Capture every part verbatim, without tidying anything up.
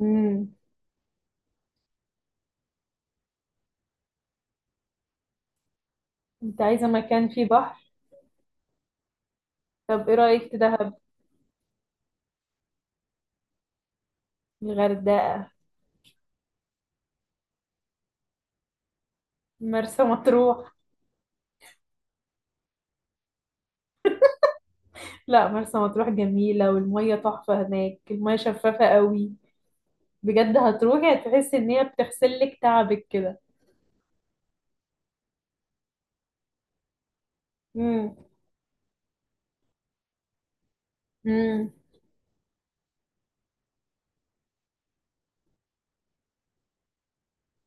امم. انت عايزة مكان فيه بحر؟ طب ايه رأيك في دهب؟ الغردقة؟ مرسى مطروح؟ لا، مرسى مطروح جميلة والمية تحفة هناك، المية شفافة قوي. بجد هتروحي هتحسي ان هي بتغسلك تعبك كده. امم. امم.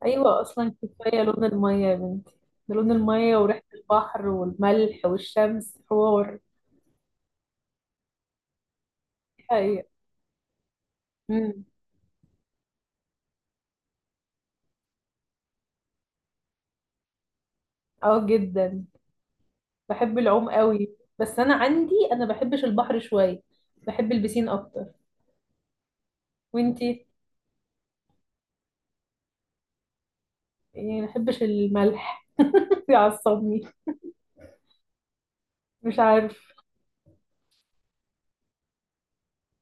ايوه اصلا كفاية لون المية يا بنتي. ده لون المية وريحة البحر والملح والشمس، حوار حقيقة. امم. اه جدا، بحب العوم قوي، بس انا عندي انا بحبش البحر شوية، بحب البسين اكتر. وانتي؟ يعني ما بحبش الملح، بيعصبني. مش عارف.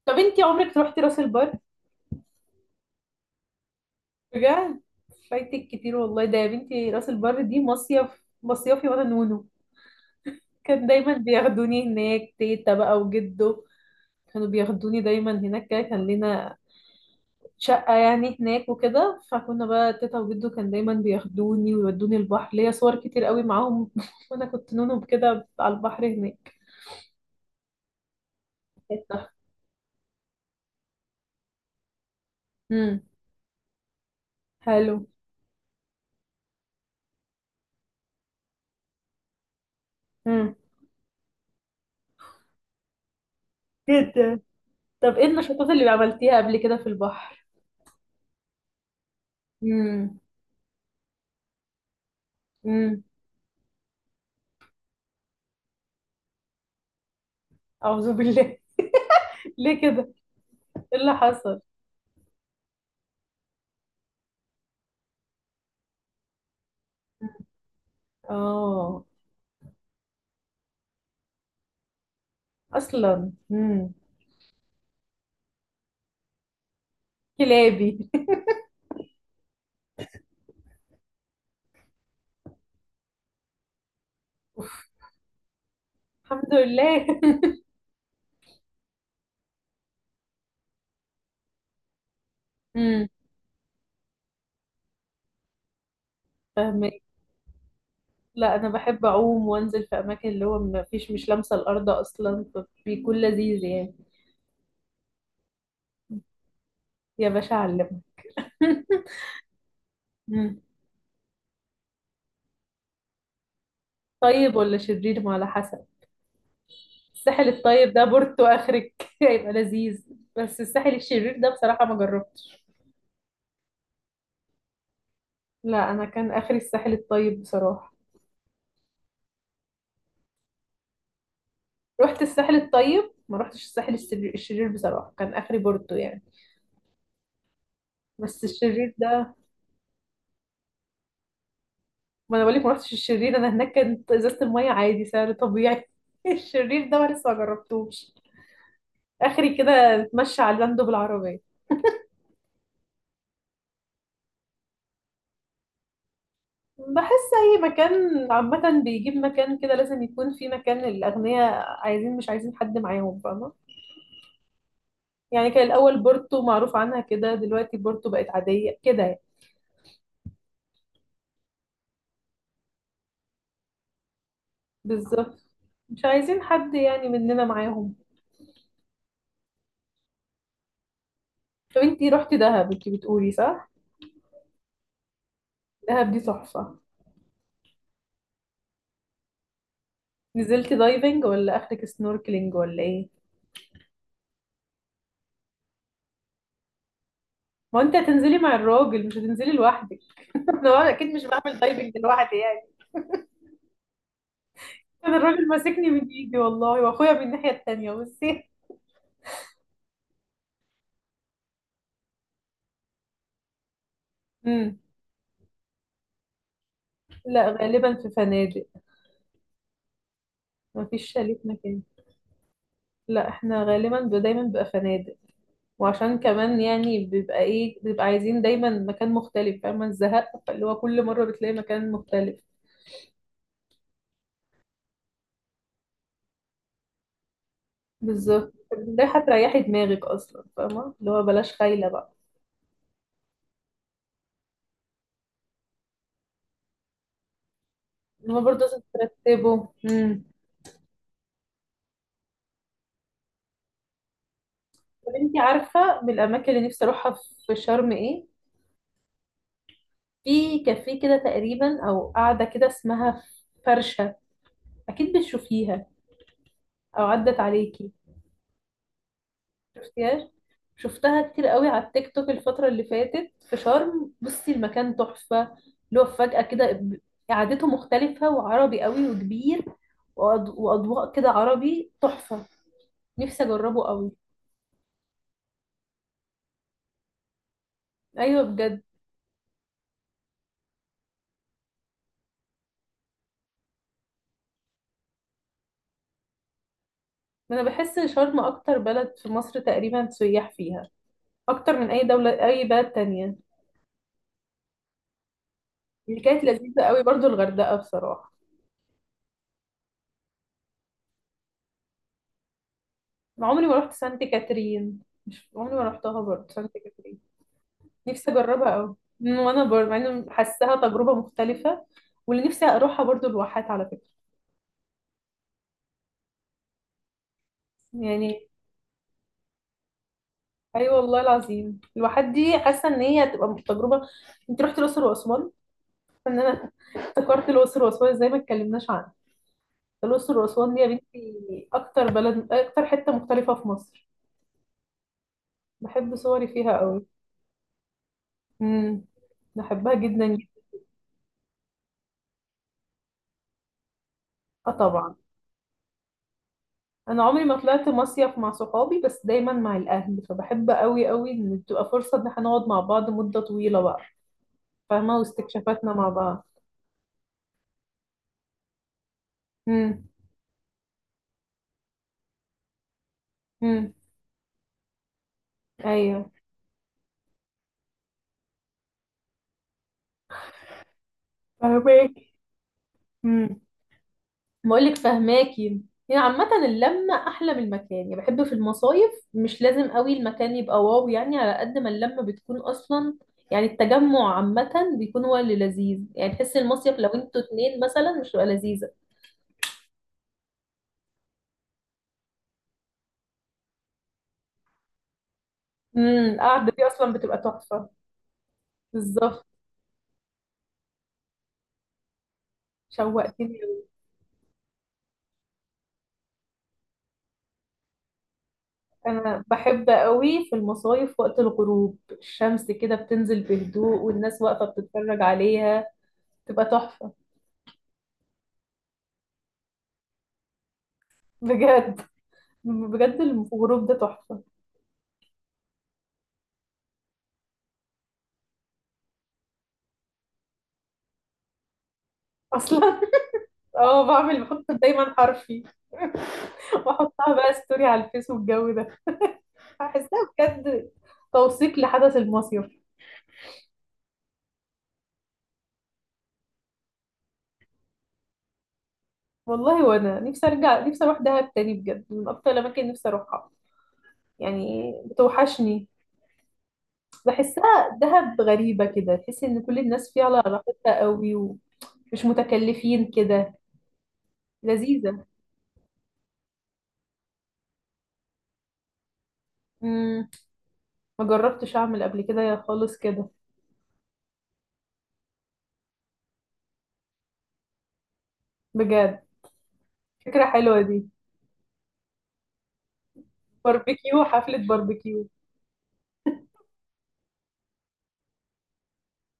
طب انتي عمرك روحتي راس البر؟ بجد؟ فايتك كتير والله، ده يا بنتي راس البر دي مصيف مصيفي وانا نونو. كان دايما بياخدوني هناك تيتا بقى وجدو، كانوا بياخدوني دايما هناك كده، كان لنا شقة يعني هناك وكده، فكنا بقى تيتا وجدو كان دايما بياخدوني ويودوني البحر، ليا صور كتير قوي معاهم وانا كنت نونو كده على البحر هناك، كانت تحفة. امم. حلو. امم. جدا. طب ايه النشاطات اللي عملتيها قبل كده في البحر؟ امم. امم. اعوذ بالله، ليه كده؟ ايه اللي حصل؟ اه اصلا. امم. كلابي. الحمد لله. امم. فاهمك. لا انا بحب اعوم وانزل في اماكن اللي هو ما فيش، مش لامسه الارض اصلا، فبيكون لذيذ يعني. يا باشا علم. امم. طيب ولا شرير، ما على حسب. الساحل الطيب ده بورتو اخرك، هيبقى لذيذ. بس الساحل الشرير ده بصراحه ما جربتش. لا انا كان اخري الساحل الطيب بصراحه، رحت الساحل الطيب، ما رحتش الساحل الشرير، الشرير بصراحه كان اخري بورتو يعني. بس الشرير ده، ما انا بقولك ما رحتش الشرير، انا هناك كانت ازازه الميه عادي سعر طبيعي. الشرير ده انا لسه ما جربتوش، اخري كده اتمشى على اللاندو بالعربيه. بحس اي مكان عامه بيجيب مكان كده لازم يكون في مكان، الاغنياء عايزين مش عايزين حد معاهم، فاهمه يعني؟ كان الاول بورتو معروف عنها كده، دلوقتي بورتو بقت عاديه كده يعني. بالظبط، مش عايزين حد يعني مننا معاهم. طب انتي رحتي دهب انتي بتقولي، صح؟ دهب دي تحفة. نزلتي دايفنج ولا اخرك سنوركلينج ولا ايه؟ ما انت هتنزلي مع الراجل، مش هتنزلي لوحدك، انا اكيد مش بعمل دايفنج لوحدي يعني. انا الراجل ماسكني من ايدي والله، واخويا من الناحية التانية، بصي. امم. لا غالبا في فنادق. ما فيش شاليه في مكان، لا احنا غالبا ب- دايما بقى فنادق. وعشان كمان يعني بيبقى ايه، بيبقى عايزين دايما مكان مختلف، فاهمة الزهق؟ فاللي هو كل مرة بتلاقي مكان مختلف. بالظبط، ده هتريحي دماغك اصلا، فاهمة اللي هو؟ بلاش خايلة بقى هما برضه لازم ترتبه. امم. طب انتي عارفة من الأماكن اللي نفسي أروحها في شرم ايه؟ في كافيه كده تقريبا أو قاعدة كده، اسمها فرشة، أكيد بتشوفيها أو عدت عليكي. شفتيهاش؟ شفتها كتير قوي على التيك توك الفترة اللي فاتت في شرم، بصي المكان تحفة، اللي هو فجأة كده، ب- قعدته مختلفة وعربي قوي وكبير، وأض- وأضواء كده عربي تحفة، نفسي أجربه قوي. أيوة بجد. أنا بحس شرم أكتر بلد في مصر تقريبا سياح فيها، أكتر من أي دولة، أي بلد تانية. اللي كانت لذيذة قوي برضو الغردقة بصراحة. أنا عمري ما رحت سانت كاترين، مش عمري ما رحتها برضو سانت كاترين، نفسي اجربها قوي. مم، وانا برضه مع انه حاساها تجربه مختلفه. واللي نفسي اروحها برضه الواحات على فكره يعني. ايوه والله العظيم، الواحات دي حاسه ان هي هتبقى تجربه. انت رحت الاقصر واسوان؟ فان انا افتكرت الاقصر واسوان زي ما اتكلمناش عنها، الاقصر واسوان دي يا بنتي اكتر بلد، اكتر حته مختلفه في مصر، بحب صوري فيها قوي. امم. بحبها جدا جدا. اه طبعا. انا عمري ما طلعت مصيف مع صحابي، بس دايما مع الاهل، فبحب قوي قوي ان تبقى فرصه ان احنا نقعد مع بعض مده طويله بقى، فاهمه، واستكشافاتنا مع بعض. امم. امم. ايوه فهماكي. امم. بقول لك فهماكي. يعني عامه اللمه احلى من المكان يعني، بحب في المصايف مش لازم قوي المكان يبقى واو يعني، على قد ما اللمه بتكون اصلا، يعني التجمع عامه بيكون هو اللي لذيذ يعني، تحس المصيف لو انتوا اتنين مثلا مش هتبقى لذيذه. امم. القعده دي اصلا بتبقى تحفه. بالظبط، شوقتني أوي. انا بحب قوي في المصايف وقت الغروب، الشمس كده بتنزل بهدوء والناس واقفة بتتفرج عليها، تبقى تحفة. بجد بجد، الغروب ده تحفة. اصلا اه بعمل، بحط دايما حرفي واحطها بقى ستوري على الفيس والجو ده. بحسها بجد توثيق لحدث المصيف. والله وانا نفسي ارجع، نفسي اروح دهب تاني، بجد من اكتر الاماكن نفسي اروحها، يعني بتوحشني. بحسها دهب غريبة كده، تحس إن كل الناس فيها على راحتها قوي ومش متكلفين كده، لذيذة. مم. ما جربتش أعمل قبل كده يا خالص كده. بجد فكرة حلوة دي. باربيكيو، حفلة باربيكيو.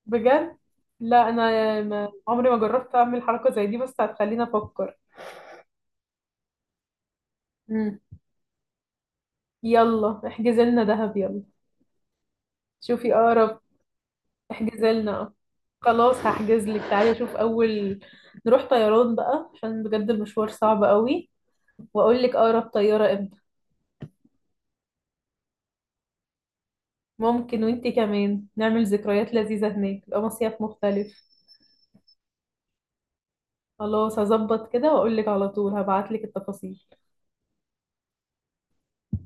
بجد. لا أنا ما عمري ما جربت أعمل حركة زي دي، بس هتخليني أفكر. مم. يلا احجز لنا دهب، يلا. شوفي أقرب. احجز لنا. خلاص هحجز لك، تعالي أشوف أول، نروح طيران بقى عشان بجد المشوار صعب قوي، واقول لك اقرب طياره امتى. ممكن وانتي كمان، نعمل ذكريات لذيذه هناك، يبقى مصيف مختلف. خلاص هظبط كده واقول لك، على طول هبعت لك التفاصيل.